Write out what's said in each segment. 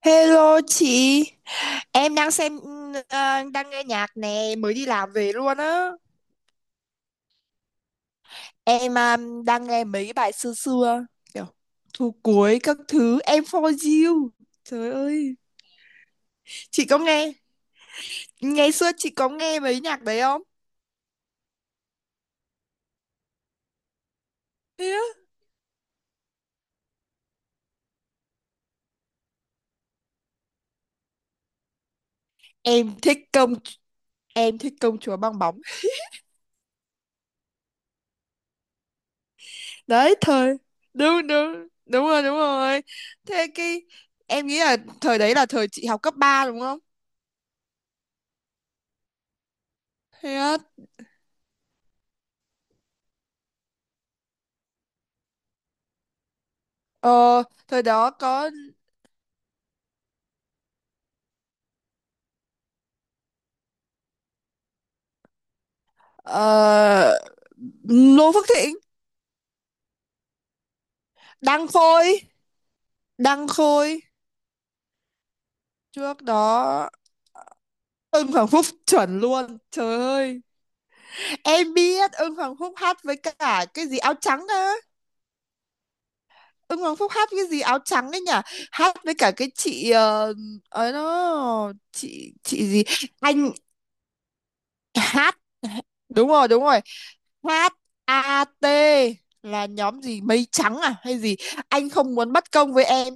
Hello chị, em đang đang nghe nhạc nè, mới đi làm về luôn á. Em à, đang nghe mấy cái bài xưa xưa kiểu thu cuối các thứ em for you. Trời ơi, chị có nghe mấy nhạc đấy không? Thế á. Em thích công em thích công chúa bong bóng. Đấy thời. Đúng đúng, đúng rồi đúng rồi. Thế cái Em nghĩ là thời đấy là thời chị học cấp 3 đúng không? Thế á. Ờ, thời đó có Ờ, Ngô Phước Thịnh, Đăng Khôi, Đăng Khôi trước đó, Ưng Hoàng Phúc chuẩn luôn trời ơi. Em biết Ưng Hoàng Phúc hát với cả cái gì áo trắng á. Ưng Hoàng Phúc hát cái gì áo trắng ấy nhỉ, hát với cả cái ấy đó chị gì, anh hát, đúng rồi đúng rồi, hát A AT là nhóm gì mây trắng à hay gì, anh không muốn bất công với em.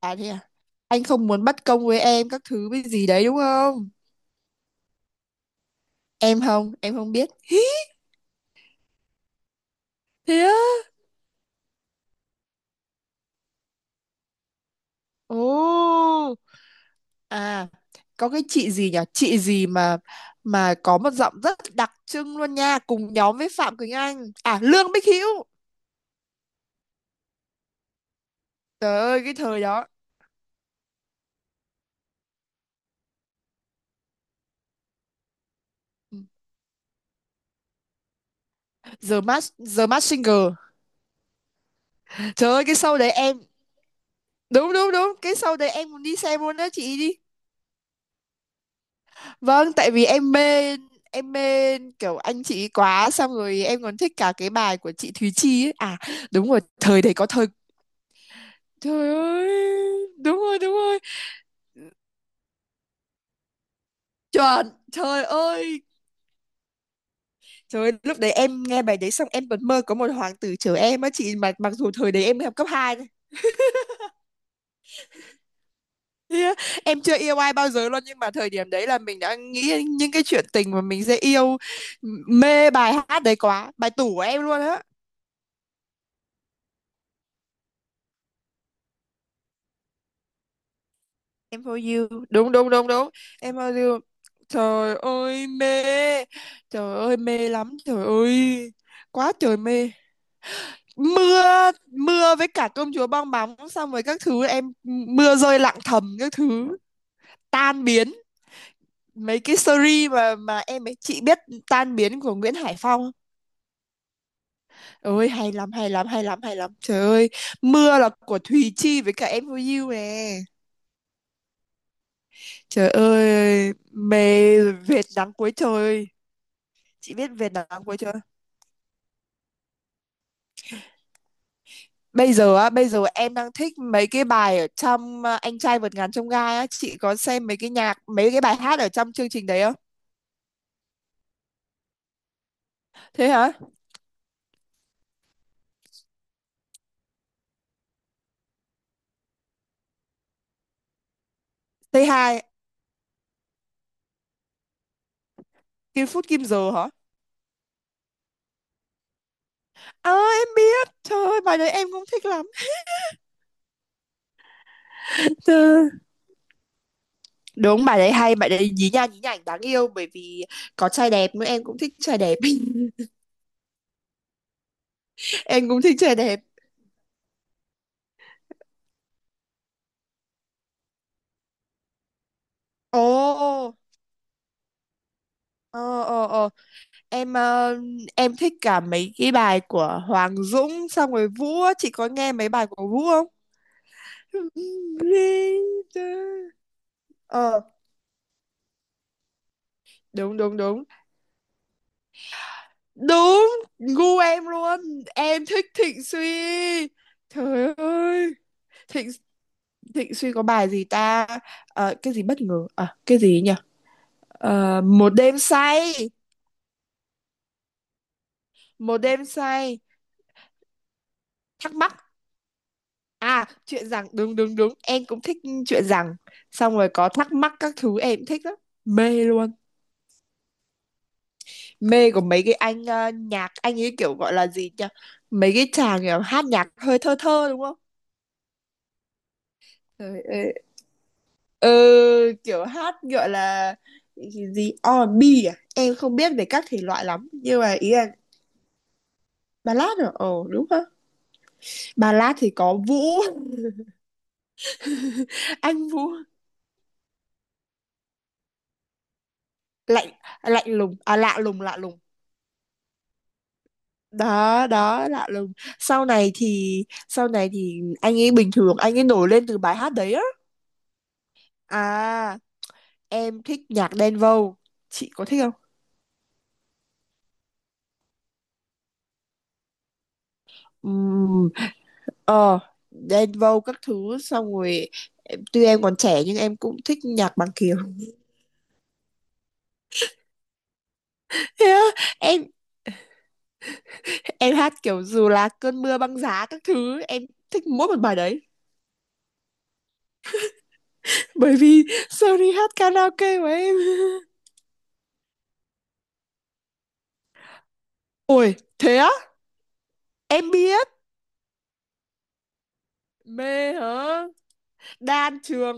À thế à? Anh không muốn bất công với em các thứ với gì đấy đúng không. Em không biết Hí, thế á. Ồ, à, có cái chị gì nhỉ, chị gì mà có một giọng rất đặc trưng luôn nha, cùng nhóm với Phạm Quỳnh Anh, à, Lương Bích Hữu. Trời ơi cái thời đó. The Mask, The Mask Singer. Trời ơi cái show đấy em, đúng đúng đúng, cái show đấy em muốn đi xem luôn đó chị đi. Vâng, tại vì em mê, em mê kiểu anh chị ấy quá, xong rồi em còn thích cả cái bài của chị Thúy Chi ấy. À đúng rồi, thời đấy có thời, trời ơi. Đúng rồi, đúng rồi. Chuẩn, trời ơi. Trời ơi, lúc đấy em nghe bài đấy xong em còn mơ có một hoàng tử chờ em á chị, mà mặc dù thời đấy em mới học cấp 2 thôi. Yeah. Em chưa yêu ai bao giờ luôn, nhưng mà thời điểm đấy là mình đã nghĩ những cái chuyện tình mà mình sẽ yêu, mê bài hát đấy quá, bài tủ của em luôn á. Em for you, đúng đúng đúng đúng, em for you, trời ơi mê, trời ơi mê lắm trời ơi, quá trời mê. Mưa, mưa với cả công chúa bong bóng xong rồi các thứ em, mưa rơi lặng thầm các thứ, tan biến, mấy cái series mà em ấy chị biết, tan biến của Nguyễn Hải Phong. Ơi hay lắm hay lắm hay lắm hay lắm trời ơi. Mưa là của Thùy Chi với cả em for you nè, trời ơi mê, vệt nắng cuối trời. Chị biết Việt Nam quê chưa? Bây giờ á, bây giờ em đang thích mấy cái bài ở Anh trai vượt ngàn chông gai á, chị có xem mấy cái nhạc, mấy cái bài hát ở trong chương trình đấy không? Thế hả? Tây hai, Kim Phút Kim Giờ hả? À, em biết, trời ơi, bài đấy em cũng thích lắm. Ừ. Đúng, bài đấy hay, bài đấy nhí nha nhí nhảnh đáng yêu, bởi vì có trai đẹp nữa, em cũng thích trai đẹp. Em cũng thích trai đẹp. Ồ, ờ, ờ, ờ. em ờ, em thích cả mấy cái bài của Hoàng Dũng xong rồi Vũ á. Chị có nghe mấy bài của Vũ không. Ờ đúng đúng đúng đúng, gu em luôn, em thích Thịnh Suy, trời ơi. Thịnh Thịnh Suy có bài gì ta, cái gì bất ngờ à cái gì nhỉ, một đêm say, một đêm say, thắc mắc. À, chuyện rằng đúng đúng đúng, em cũng thích chuyện rằng. Xong rồi có thắc mắc các thứ em cũng thích lắm. Mê luôn. Mê của mấy cái nhạc anh ấy kiểu gọi là gì nhỉ? Mấy cái chàng kiểu hát nhạc hơi thơ thơ đúng không? Trời ơi. Ừ, kiểu hát gọi là gì gì? R&B à? Em không biết về các thể loại lắm, nhưng mà ý là ballad rồi. Ồ đúng không? Ballad thì có Vũ, anh Vũ, lạnh lạnh lùng à, lạ lùng lạ lùng, đó đó lạ lùng. Sau này thì anh ấy bình thường, anh ấy nổi lên từ bài hát đấy á. À em thích nhạc Đen Vâu, chị có thích không. Ừm, ờ, Đen Vâu các thứ xong rồi em- tuy em còn trẻ nhưng em cũng thích nhạc Bằng Kiều. Thế á, em em hát kiểu dù là cơn mưa băng giá các thứ, em thích mỗi một bài đấy, bởi vì Sony hát karaoke của em. Ôi thế á, em biết, mê hả, Đan Trường,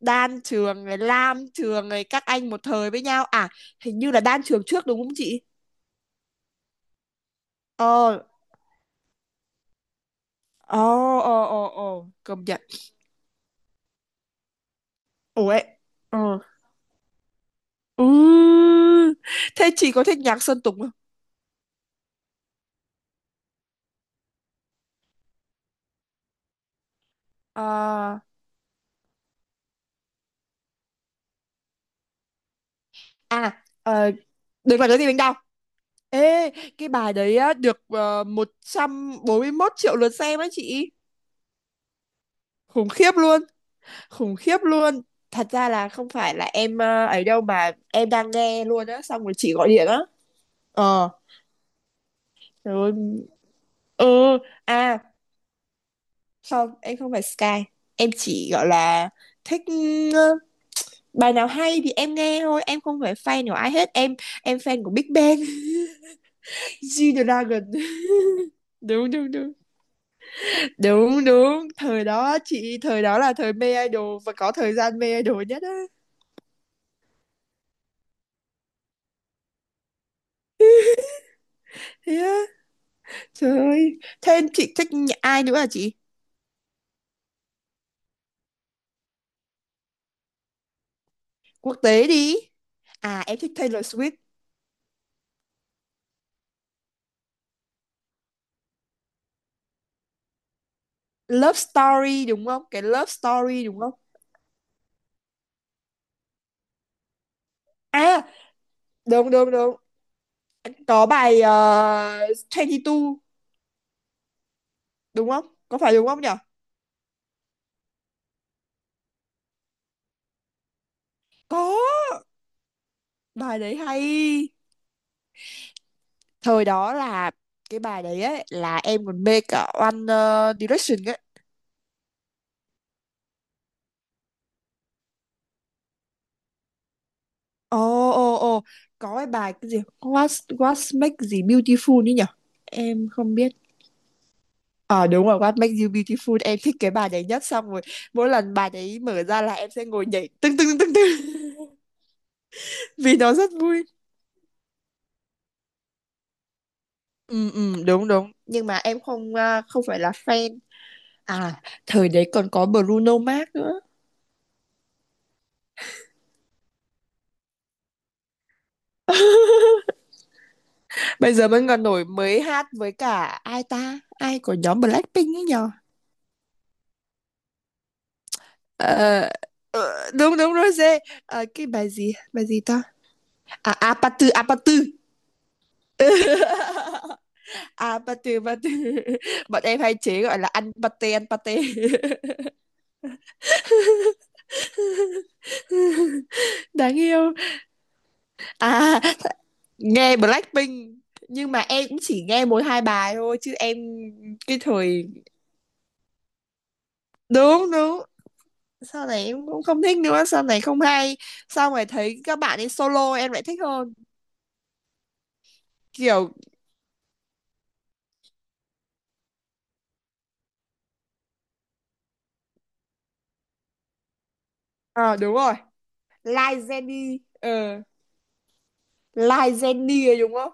Đan Trường rồi Lam Trường rồi các anh một thời với nhau à, hình như là Đan Trường trước đúng không chị. Ờ ờ ờ ờ ờ, công nhận, ủa ấy, ờ, ừ. Thế chị có thích nhạc Sơn Tùng không. Ờ, à ờ, đừng làm cái gì mình đau, ê, cái bài đấy á được một trăm bốn mươi 141 triệu lượt xem á chị, khủng khiếp luôn, khủng khiếp luôn. Thật ra là không phải là ấy đâu mà em đang nghe luôn á xong rồi chị gọi điện á. Ờ, rồi, ừ. À không em không phải Sky, em chỉ gọi là thích ừ, bài nào hay thì em nghe thôi, em không phải fan của ai hết em. Em fan của Big Bang. G-Dragon. Đúng đúng đúng đúng đúng, thời đó chị, thời đó là thời mê idol và có thời gian mê idol nhất á. Thế á, trời ơi, thế chị thích nhạc- ai nữa à chị. Quốc tế đi, à em thích Taylor Swift. Love Story đúng không, cái Love Story đúng không. À, đúng đúng đúng. Có bài 22 đúng không? Có phải đúng không nhỉ? Có, bài đấy hay. Thời đó là cái bài đấy ấy là em còn mê cả Direction ấy. Ồ ồ ồ, có cái bài cái gì? What make gì Beautiful ấy nhỉ? Em không biết. Ờ đúng rồi, What Makes You Beautiful. Em thích cái bài đấy nhất, xong rồi mỗi lần bài đấy mở ra là em sẽ ngồi nhảy tưng tưng tưng tưng. Vì nó rất vui. Ừ, ừ, đúng đúng. Nhưng mà em không phải là fan. À thời đấy còn có Bruno Mars nữa. Bây giờ vẫn còn nổi, mới hát với cả ai ta, ai của nhóm Blackpink ấy nhờ. Ờ, ờ, đúng đúng Rosé. Ờ, cái bài gì ta, à Apatu Apatu. Apatu Apatu bọn em hay chế gọi là ăn pate ăn pate. Đáng yêu. À nghe Blackpink, nhưng mà em cũng chỉ nghe mỗi 2 bài thôi chứ em, cái thời, đúng đúng, sau này em cũng không thích nữa, sau này không hay, sau này thấy các bạn ấy solo em lại thích hơn, kiểu, ờ đúng rồi. Like Jennie ờ, Like Jennie đúng không.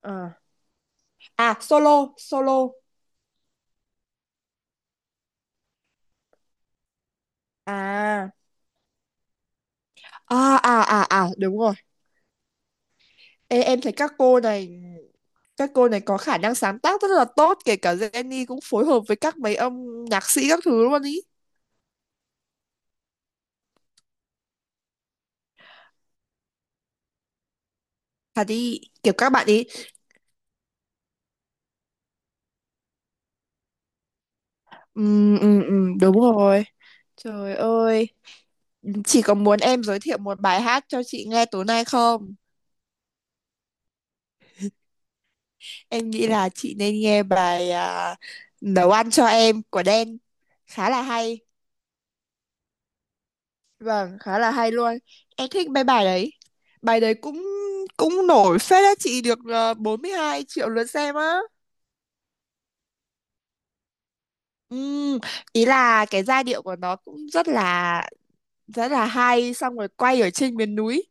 Ờ. À solo solo, à à à à à đúng rồi. Ê, em thấy các cô này, các cô này có khả năng sáng tác rất là tốt, kể cả Jennie cũng phối hợp với các mấy âm nhạc sĩ các thứ luôn ý, thật đi kiểu các bạn ý. Ừ, ừ, ừ, đúng rồi, trời ơi. Chị có muốn em giới thiệu một bài hát cho chị nghe tối nay không. Em nghĩ là chị nên nghe nấu ăn cho em của Đen, khá là hay, vâng khá là hay luôn, em thích mấy bài đấy, bài đấy cũng cũng nổi phết á chị, được 42 triệu lượt xem á. Ừm, ý là cái giai điệu của nó cũng rất là hay, xong rồi quay ở trên miền núi.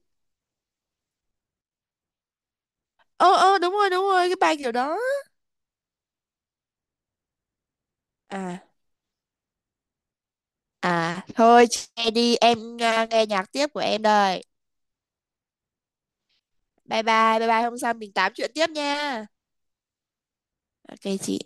Ờ ờ đúng rồi cái bài kiểu đó. À, à thôi, che đi em nghe nhạc tiếp của em đây. Bye bye, bye bye, hôm sau mình tám chuyện tiếp nha. OK chị.